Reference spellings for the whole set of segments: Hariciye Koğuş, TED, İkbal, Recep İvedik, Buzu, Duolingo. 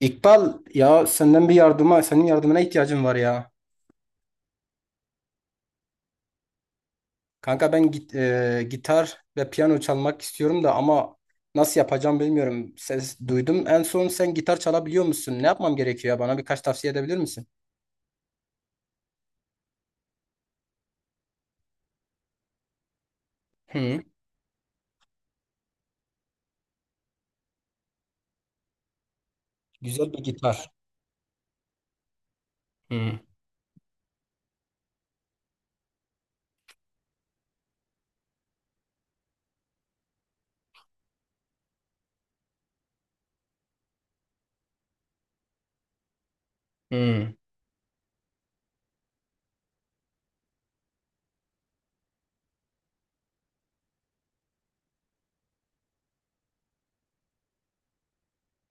İkbal ya senden bir yardıma, senin yardımına ihtiyacım var ya. Kanka ben gitar ve piyano çalmak istiyorum da ama nasıl yapacağım bilmiyorum. Ses duydum. En son sen gitar çalabiliyor musun? Ne yapmam gerekiyor ya? Bana birkaç tavsiye edebilir misin? Hı. Güzel bir gitar. Hı, hı,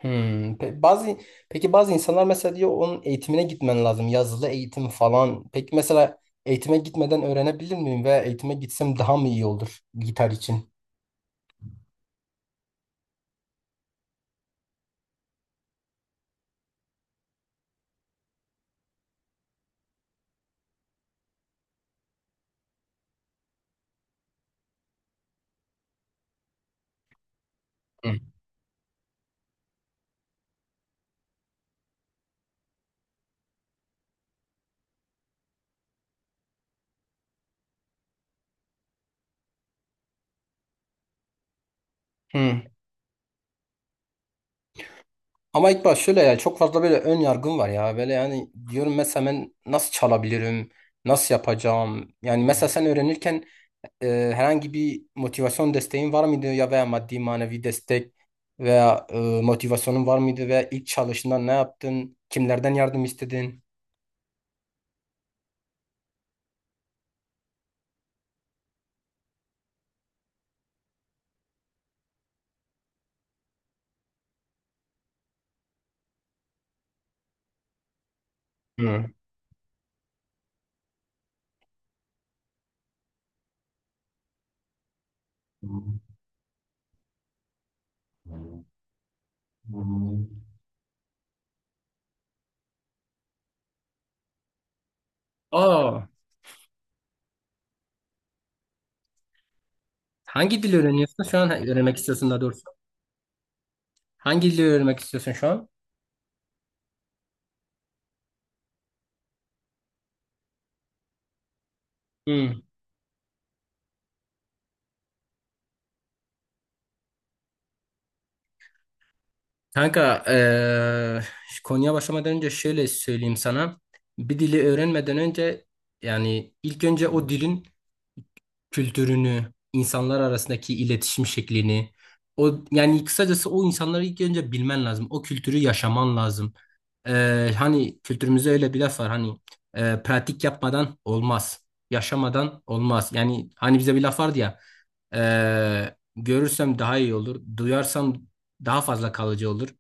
hı. Pe- bazı Peki bazı insanlar mesela diyor onun eğitimine gitmen lazım. Yazılı eğitim falan. Peki mesela eğitime gitmeden öğrenebilir miyim ve eğitime gitsem daha mı iyi olur gitar için? Hı. Hı. Ama ilk baş şöyle ya çok fazla böyle ön yargım var ya. Böyle yani diyorum mesela ben nasıl çalabilirim? Nasıl yapacağım? Yani mesela sen öğrenirken e, herhangi bir motivasyon desteğin var mıydı ya veya maddi manevi destek veya motivasyonun var mıydı veya ilk çalışında ne yaptın? Kimlerden yardım istedin? Hı. Aa, hangi dili öğreniyorsun şu an? Öğrenmek istiyorsun daha doğrusu. Hangi dili öğrenmek istiyorsun şu an? Hı. Kanka, konuya başlamadan önce şöyle söyleyeyim sana. Bir dili öğrenmeden önce yani ilk önce o dilin kültürünü, insanlar arasındaki iletişim şeklini, o yani kısacası o insanları ilk önce bilmen lazım. O kültürü yaşaman lazım. Hani kültürümüzde öyle bir laf var hani pratik yapmadan olmaz, yaşamadan olmaz. Yani hani bize bir laf vardı ya görürsem daha iyi olur, duyarsam daha fazla kalıcı olur,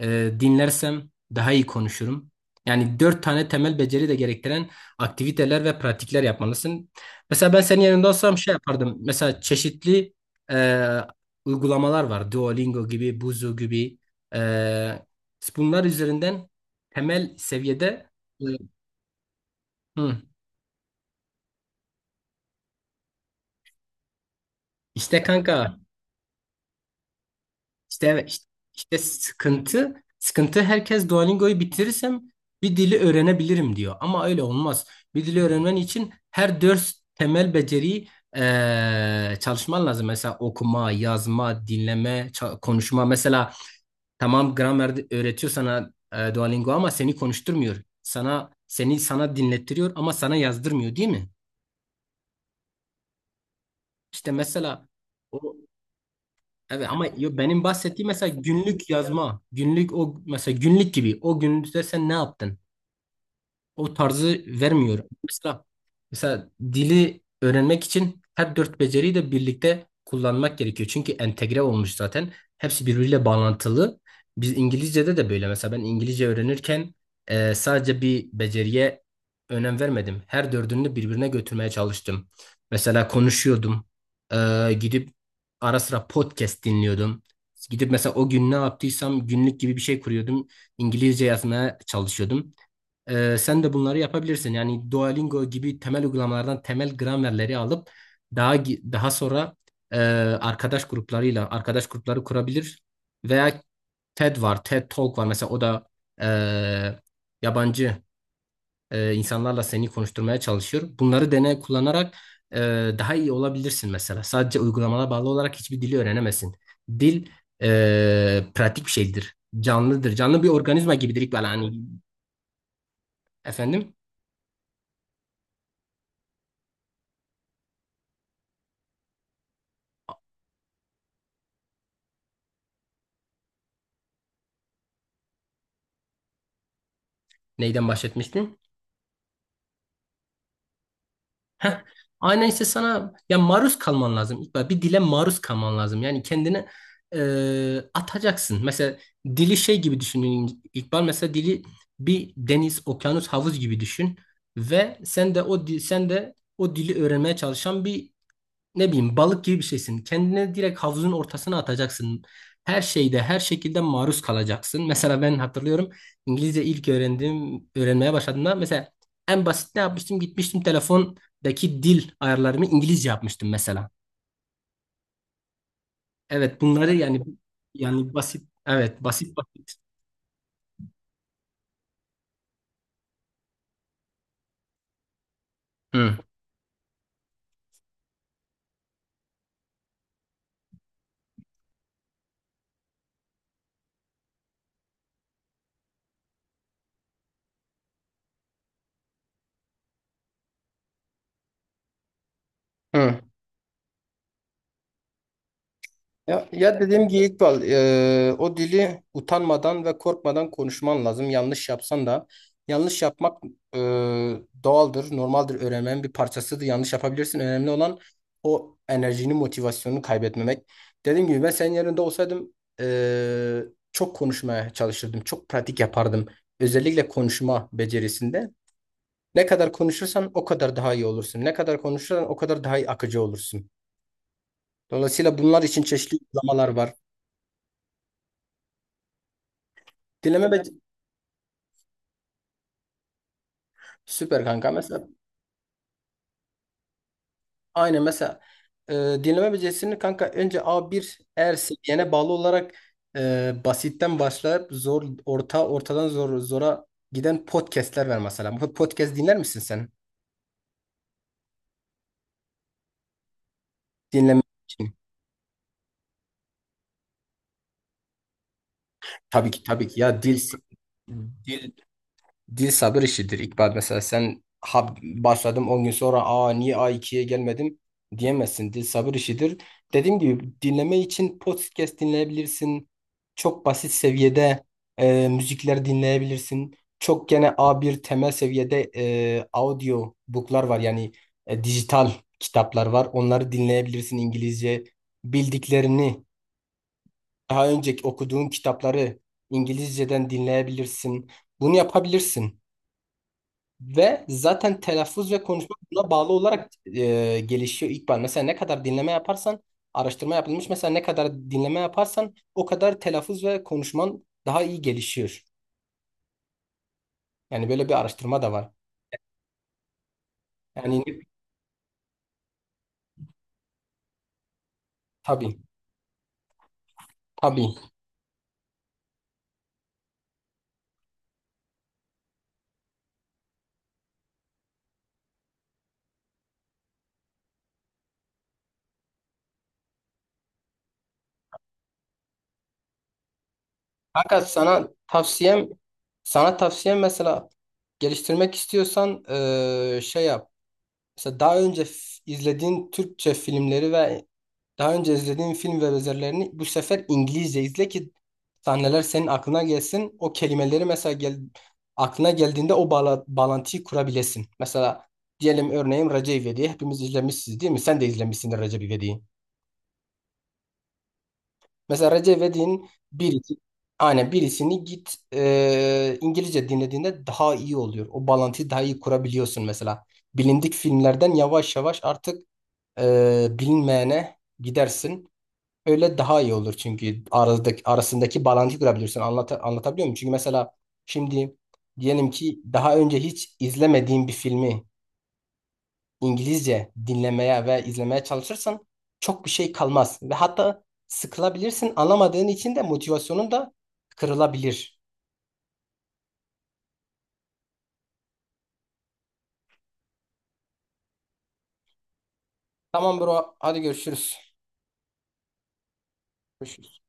dinlersem daha iyi konuşurum. Yani dört tane temel beceri de gerektiren aktiviteler ve pratikler yapmalısın. Mesela ben senin yanında olsam şey yapardım. Mesela çeşitli e, uygulamalar var. Duolingo gibi, Buzu gibi. E, Bunlar üzerinden temel seviyede e, hı. İşte kanka, İşte evet işte, işte sıkıntı sıkıntı herkes Duolingo'yu bitirirsem bir dili öğrenebilirim diyor. Ama öyle olmaz. Bir dili öğrenmen için her dört temel beceriyi çalışman lazım. Mesela okuma, yazma, dinleme, konuşma. Mesela tamam gramer öğretiyor sana, Duolingo ama seni konuşturmuyor. Sana dinlettiriyor ama sana yazdırmıyor değil mi? İşte mesela o. Evet ama benim bahsettiğim mesela günlük yazma. Günlük o mesela günlük gibi. O günlükte sen ne yaptın? O tarzı vermiyor. Mesela, dili öğrenmek için her dört beceriyi de birlikte kullanmak gerekiyor. Çünkü entegre olmuş zaten. Hepsi birbiriyle bağlantılı. Biz İngilizce'de de böyle. Mesela ben İngilizce öğrenirken sadece bir beceriye önem vermedim. Her dördünü birbirine götürmeye çalıştım. Mesela konuşuyordum. Gidip ara sıra podcast dinliyordum. Gidip mesela o gün ne yaptıysam günlük gibi bir şey kuruyordum. İngilizce yazmaya çalışıyordum. Sen de bunları yapabilirsin. Yani Duolingo gibi temel uygulamalardan temel gramerleri alıp daha sonra e, arkadaş gruplarıyla arkadaş grupları kurabilir. Veya TED var, TED Talk var. Mesela o da e, yabancı insanlarla seni konuşturmaya çalışıyor. Bunları deney kullanarak e, daha iyi olabilirsin mesela. Sadece uygulamana bağlı olarak hiçbir dili öğrenemezsin. Dil pratik bir şeydir. Canlıdır. Canlı bir organizma gibidir, İkbal. Hani efendim, neyden bahsetmiştim? Heh, aynen işte sana ya, maruz kalman lazım. İlk bir dile maruz kalman lazım. Yani kendini atacaksın. Mesela dili şey gibi düşünün, İkbal. Mesela dili bir deniz, okyanus, havuz gibi düşün ve sen de o dili öğrenmeye çalışan bir, ne bileyim, balık gibi bir şeysin. Kendine direkt havuzun ortasına atacaksın. Her şeyde, her şekilde maruz kalacaksın. Mesela ben hatırlıyorum, İngilizce ilk öğrenmeye başladığımda mesela en basit ne yapmıştım? Gitmiştim, telefondaki dil ayarlarımı İngilizce yapmıştım mesela. Evet, bunları yani basit, evet, basit basit. Hı. Hı. Ya, dediğim gibi İkbal, o dili utanmadan ve korkmadan konuşman lazım. Yanlış yapsan da yanlış yapmak e, doğaldır, normaldir, öğrenmenin bir parçasıdır. Yanlış yapabilirsin. Önemli olan o enerjini, motivasyonunu kaybetmemek. Dediğim gibi ben senin yerinde olsaydım e, çok konuşmaya çalışırdım, çok pratik yapardım. Özellikle konuşma becerisinde. Ne kadar konuşursan o kadar daha iyi olursun. Ne kadar konuşursan o kadar daha iyi akıcı olursun. Dolayısıyla bunlar için çeşitli uygulamalar var. Dileme, be- Süper kanka. Mesela aynı mesela, dinleme becerisini kanka, önce A1, eğer seviyene bağlı olarak, basitten başlayıp zor orta, ortadan zor, zora giden podcastler var mesela. Bu podcast dinler misin sen? Dinleme için. Tabii ki tabii ki ya, dil Dil sabır işidir, İkbal. Mesela sen ha, başladım 10 gün sonra, aa niye A2'ye gelmedim diyemezsin. Dil sabır işidir. Dediğim gibi dinleme için podcast dinleyebilirsin. Çok basit seviyede müzikler dinleyebilirsin. Çok gene a bir temel seviyede audio book'lar var. Yani dijital kitaplar var. Onları dinleyebilirsin İngilizce. Bildiklerini, daha önce okuduğun kitapları İngilizceden dinleyebilirsin. Bunu yapabilirsin. Ve zaten telaffuz ve konuşma buna bağlı olarak gelişiyor, İkbal. Mesela ne kadar dinleme yaparsan, araştırma yapılmış, mesela ne kadar dinleme yaparsan o kadar telaffuz ve konuşman daha iyi gelişiyor. Yani böyle bir araştırma da var. Yani tabii, tabii. Fakat sana tavsiyem mesela, geliştirmek istiyorsan şey yap. Mesela daha önce izlediğin Türkçe filmleri ve daha önce izlediğin film ve benzerlerini bu sefer İngilizce izle ki sahneler senin aklına gelsin. O kelimeleri mesela aklına geldiğinde o bağlantıyı kurabilesin. Mesela diyelim, örneğin Recep İvedik'i hepimiz izlemişsiniz değil mi? Sen de izlemişsindir Recep İvedik'i. Mesela Recep aynen birisini İngilizce dinlediğinde daha iyi oluyor. O bağlantıyı daha iyi kurabiliyorsun mesela. Bilindik filmlerden yavaş yavaş artık bilinmeyene gidersin. Öyle daha iyi olur çünkü arasındaki bağlantıyı kurabilirsin. Anlatabiliyor muyum? Çünkü mesela şimdi, diyelim ki, daha önce hiç izlemediğin bir filmi İngilizce dinlemeye ve izlemeye çalışırsan çok bir şey kalmaz. Ve hatta sıkılabilirsin. Anlamadığın için de motivasyonun da kırılabilir. Tamam bro, hadi görüşürüz. Görüşürüz.